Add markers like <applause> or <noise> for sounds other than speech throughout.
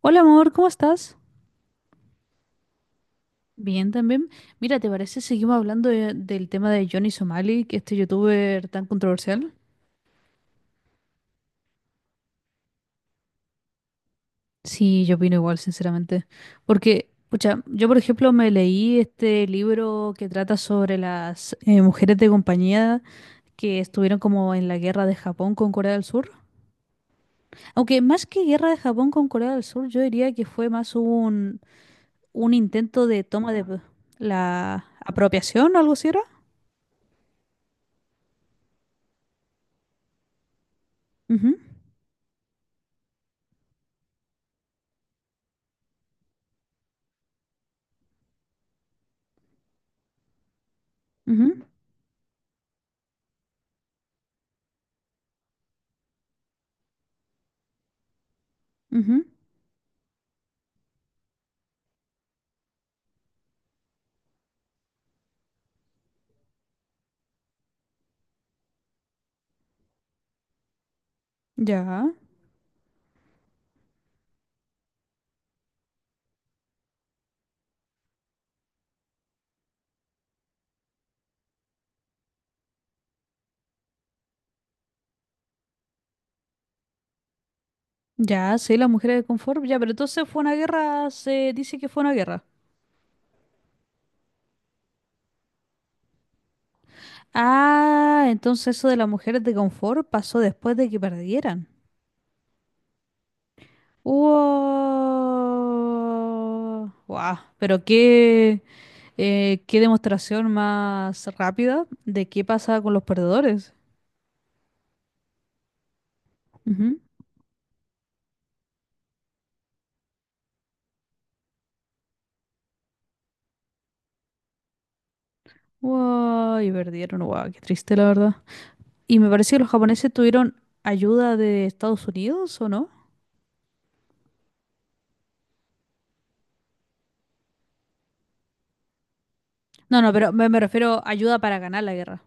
Hola amor, ¿cómo estás? Bien también. Mira, ¿te parece? Seguimos hablando del tema de Johnny Somali, que este youtuber tan controversial. Sí, yo opino igual, sinceramente. Porque, pucha, yo por ejemplo me leí este libro que trata sobre las mujeres de compañía que estuvieron como en la guerra de Japón con Corea del Sur. Aunque más que guerra de Japón con Corea del Sur, yo diría que fue más un intento de toma de la apropiación, algo así era. Ujú, ujú, ujú. Ya, ya, sí, las mujeres de confort, ya, pero entonces fue una guerra, se dice que fue una guerra. Ah, entonces eso de las mujeres de confort pasó después de que perdieran. ¡Wow! ¡Wow! Pero qué, qué demostración más rápida de qué pasa con los perdedores. Ujú. ¡Wow! Y perdieron, ¡wow! Qué triste, la verdad. Y me parece que los japoneses tuvieron ayuda de Estados Unidos, ¿o no? No, no, pero me refiero a ayuda para ganar la guerra.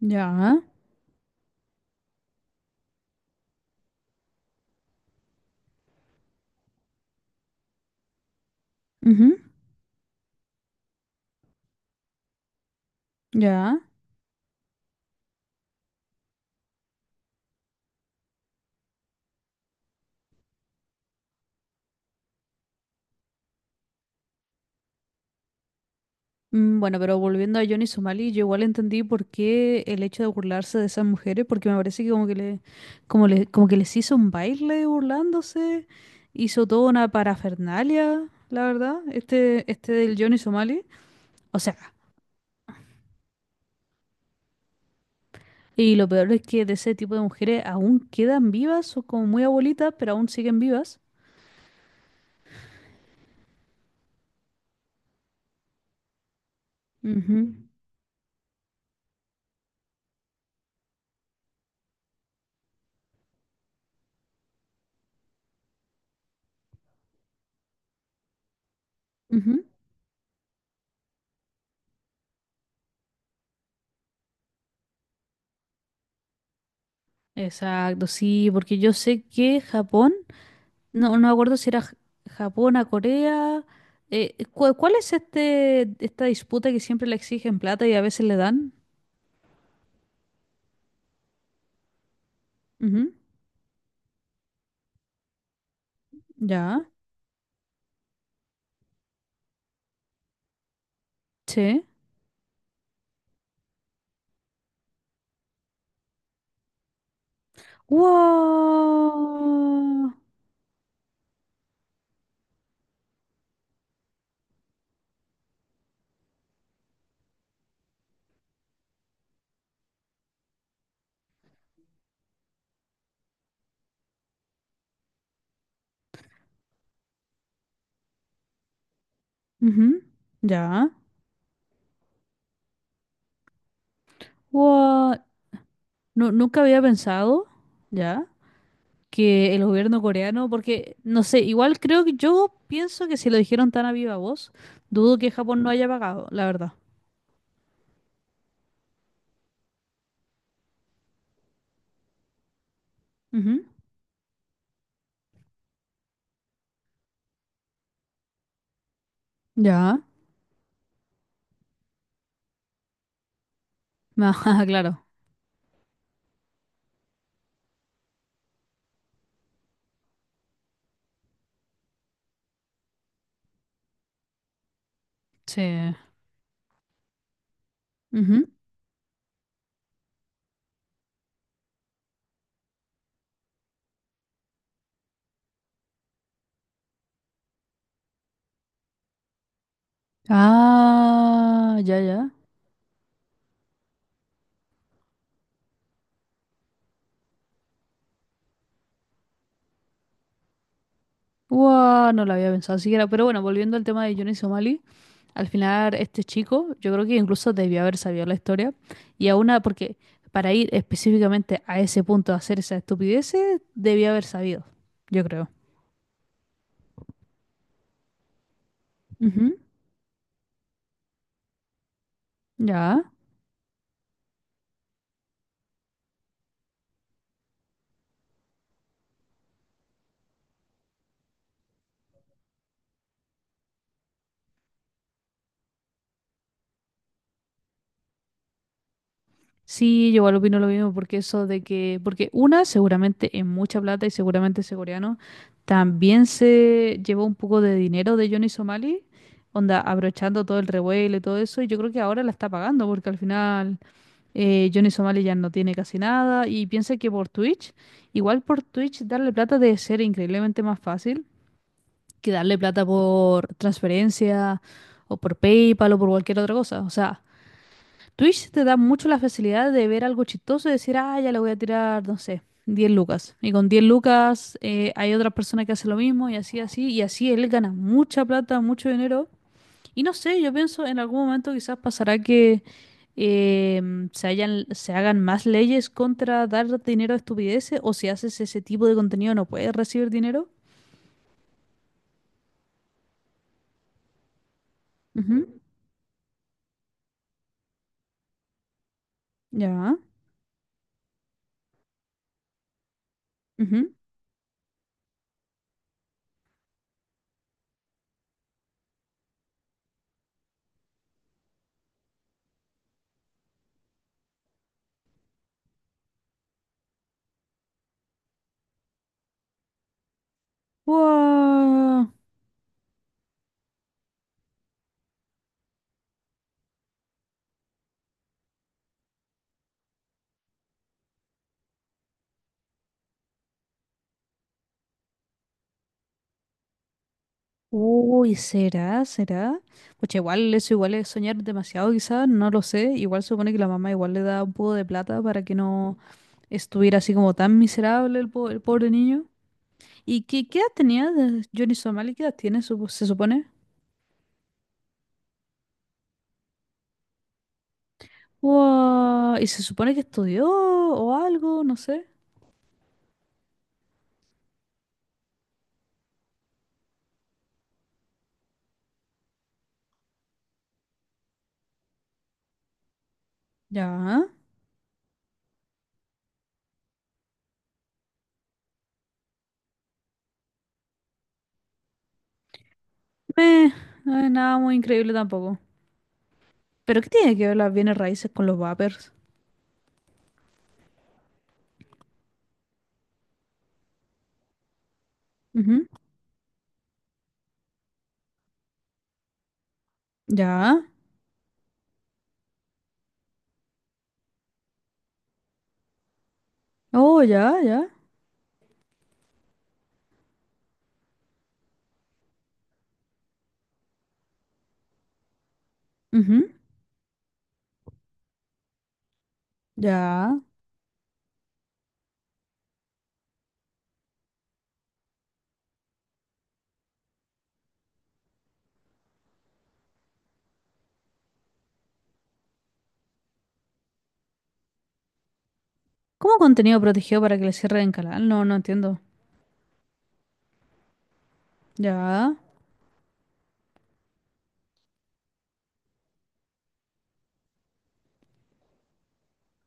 Ya, ujú, ya. Bueno, pero volviendo a Johnny Somali, yo igual entendí por qué el hecho de burlarse de esas mujeres, porque me parece que como que le, como que les hizo un baile burlándose, hizo toda una parafernalia, la verdad, este del Johnny Somali. O sea, y lo peor es que de ese tipo de mujeres aún quedan vivas, o como muy abuelitas, pero aún siguen vivas. Ujú, ujú. Exacto, sí, porque yo sé que Japón. No, no me acuerdo si era Japón a Corea. ¿Cuál es esta disputa que siempre le exigen plata y a veces le dan? Ujú, ya, sí. ¡Wow! Ujú, ya. ¡Wow! No, nunca había pensado, ya, que el gobierno coreano, porque, no sé, igual creo que yo pienso que si lo dijeron tan a viva voz, dudo que Japón no haya pagado, la verdad. Ujú, ya. <laughs> Ah, claro. Sí. Ah, ya, ya. Guau, no lo había pensado siquiera. Pero bueno, volviendo al tema de Johnny Somali, al final este chico, yo creo que incluso debió haber sabido la historia. Y a una, porque para ir específicamente a ese punto a hacer esa estupidez, debió haber sabido, yo creo. Ujú, ya. Sí, yo igual opino lo mismo, porque eso de que, porque una seguramente es mucha plata y seguramente ese coreano también se llevó un poco de dinero de Johnny Somali, onda, abrochando todo el revuelo y todo eso, y yo creo que ahora la está pagando, porque al final Johnny Somali ya no tiene casi nada, y piensa que por Twitch, igual por Twitch darle plata debe ser increíblemente más fácil que darle plata por transferencia o por PayPal o por cualquier otra cosa, o sea. Twitch te da mucho la facilidad de ver algo chistoso y decir, ah, ya le voy a tirar, no sé, 10 lucas. Y con 10 lucas hay otra persona que hace lo mismo y así, así, y así él gana mucha plata, mucho dinero. Y no sé, yo pienso en algún momento quizás pasará que se hagan más leyes contra dar dinero a estupideces o si haces ese tipo de contenido no puedes recibir dinero. Ujú, ya. Ujú. Guau. Uy, ¿será? ¿Será? Pues igual eso igual es soñar demasiado quizás, no lo sé. Igual se supone que la mamá igual le da un poco de plata para que no estuviera así como tan miserable el pobre niño. ¿Y qué edad tenía Johnny Somali? ¿Qué edad tiene, se supone? Wow, y se supone que estudió o algo, no sé. Ya. Meh, no es nada muy increíble tampoco. ¿Pero qué tiene que ver las bienes raíces con los vapers? Ujú, ya. Oh, ya, ya. Ujú, ya. ¿Cómo contenido protegido para que le cierren el canal? No, no entiendo. Ya.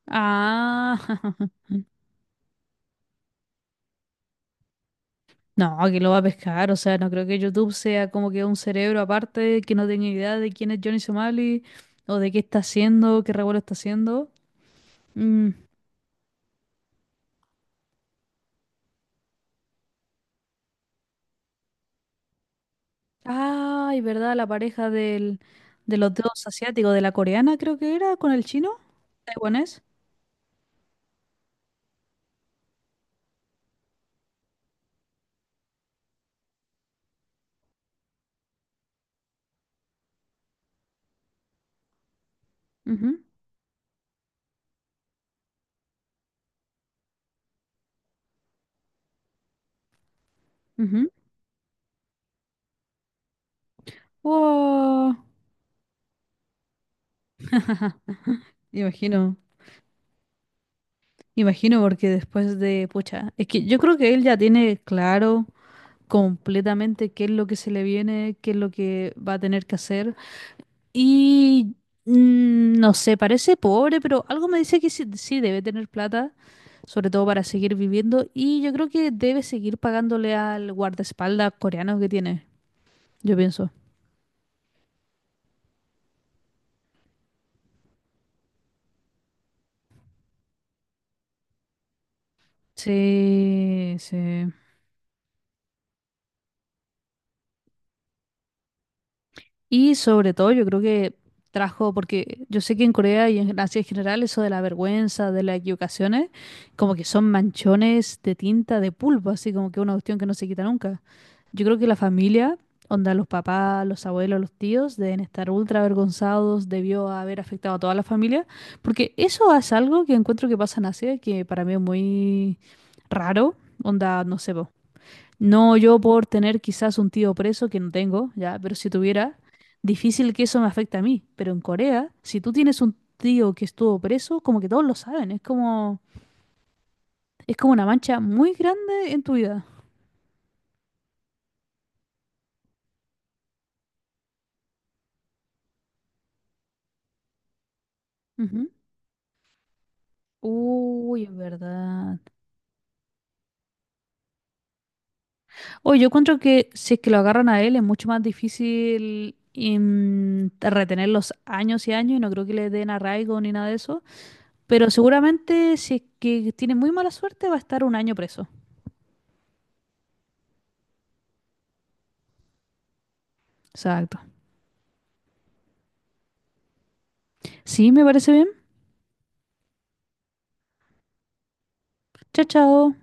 Ah. <laughs> No, que lo va a pescar. O sea, no creo que YouTube sea como que un cerebro aparte que no tenga idea de quién es Johnny Somali o de qué está haciendo, qué revuelo está haciendo. Mm. Ay, ¿verdad? La pareja de los dos asiáticos, de la coreana creo que era, con el chino, taiwanés. Ujú, ujú. Wow. Imagino, imagino porque después de, pucha, es que yo creo que él ya tiene claro completamente qué es lo que se le viene, qué es lo que va a tener que hacer. Y no sé, parece pobre, pero algo me dice que sí, sí debe tener plata, sobre todo para seguir viviendo. Y yo creo que debe seguir pagándole al guardaespaldas coreano que tiene, yo pienso. Sí, sí. Y sobre todo yo creo que trajo, porque yo sé que en Corea y en Asia en general eso de la vergüenza, de las equivocaciones, como que son manchones de tinta, de pulpo, así como que una cuestión que no se quita nunca. Yo creo que la familia, onda los papás, los abuelos, los tíos, deben estar ultra avergonzados, debió haber afectado a toda la familia, porque eso es algo que encuentro que pasa en Asia, que para mí es muy raro, onda, no sé, po. No, yo por tener quizás un tío preso, que no tengo, ya, pero si tuviera, difícil que eso me afecte a mí. Pero en Corea, si tú tienes un tío que estuvo preso, como que todos lo saben, es como una mancha muy grande en tu vida. Ujú. Uy, es verdad. Oye, yo encuentro que si es que lo agarran a él es mucho más difícil retener los años y años y no creo que le den arraigo ni nada de eso. Pero seguramente si es que tiene muy mala suerte va a estar un año preso. Exacto. Sí, me parece bien. Chao, chao.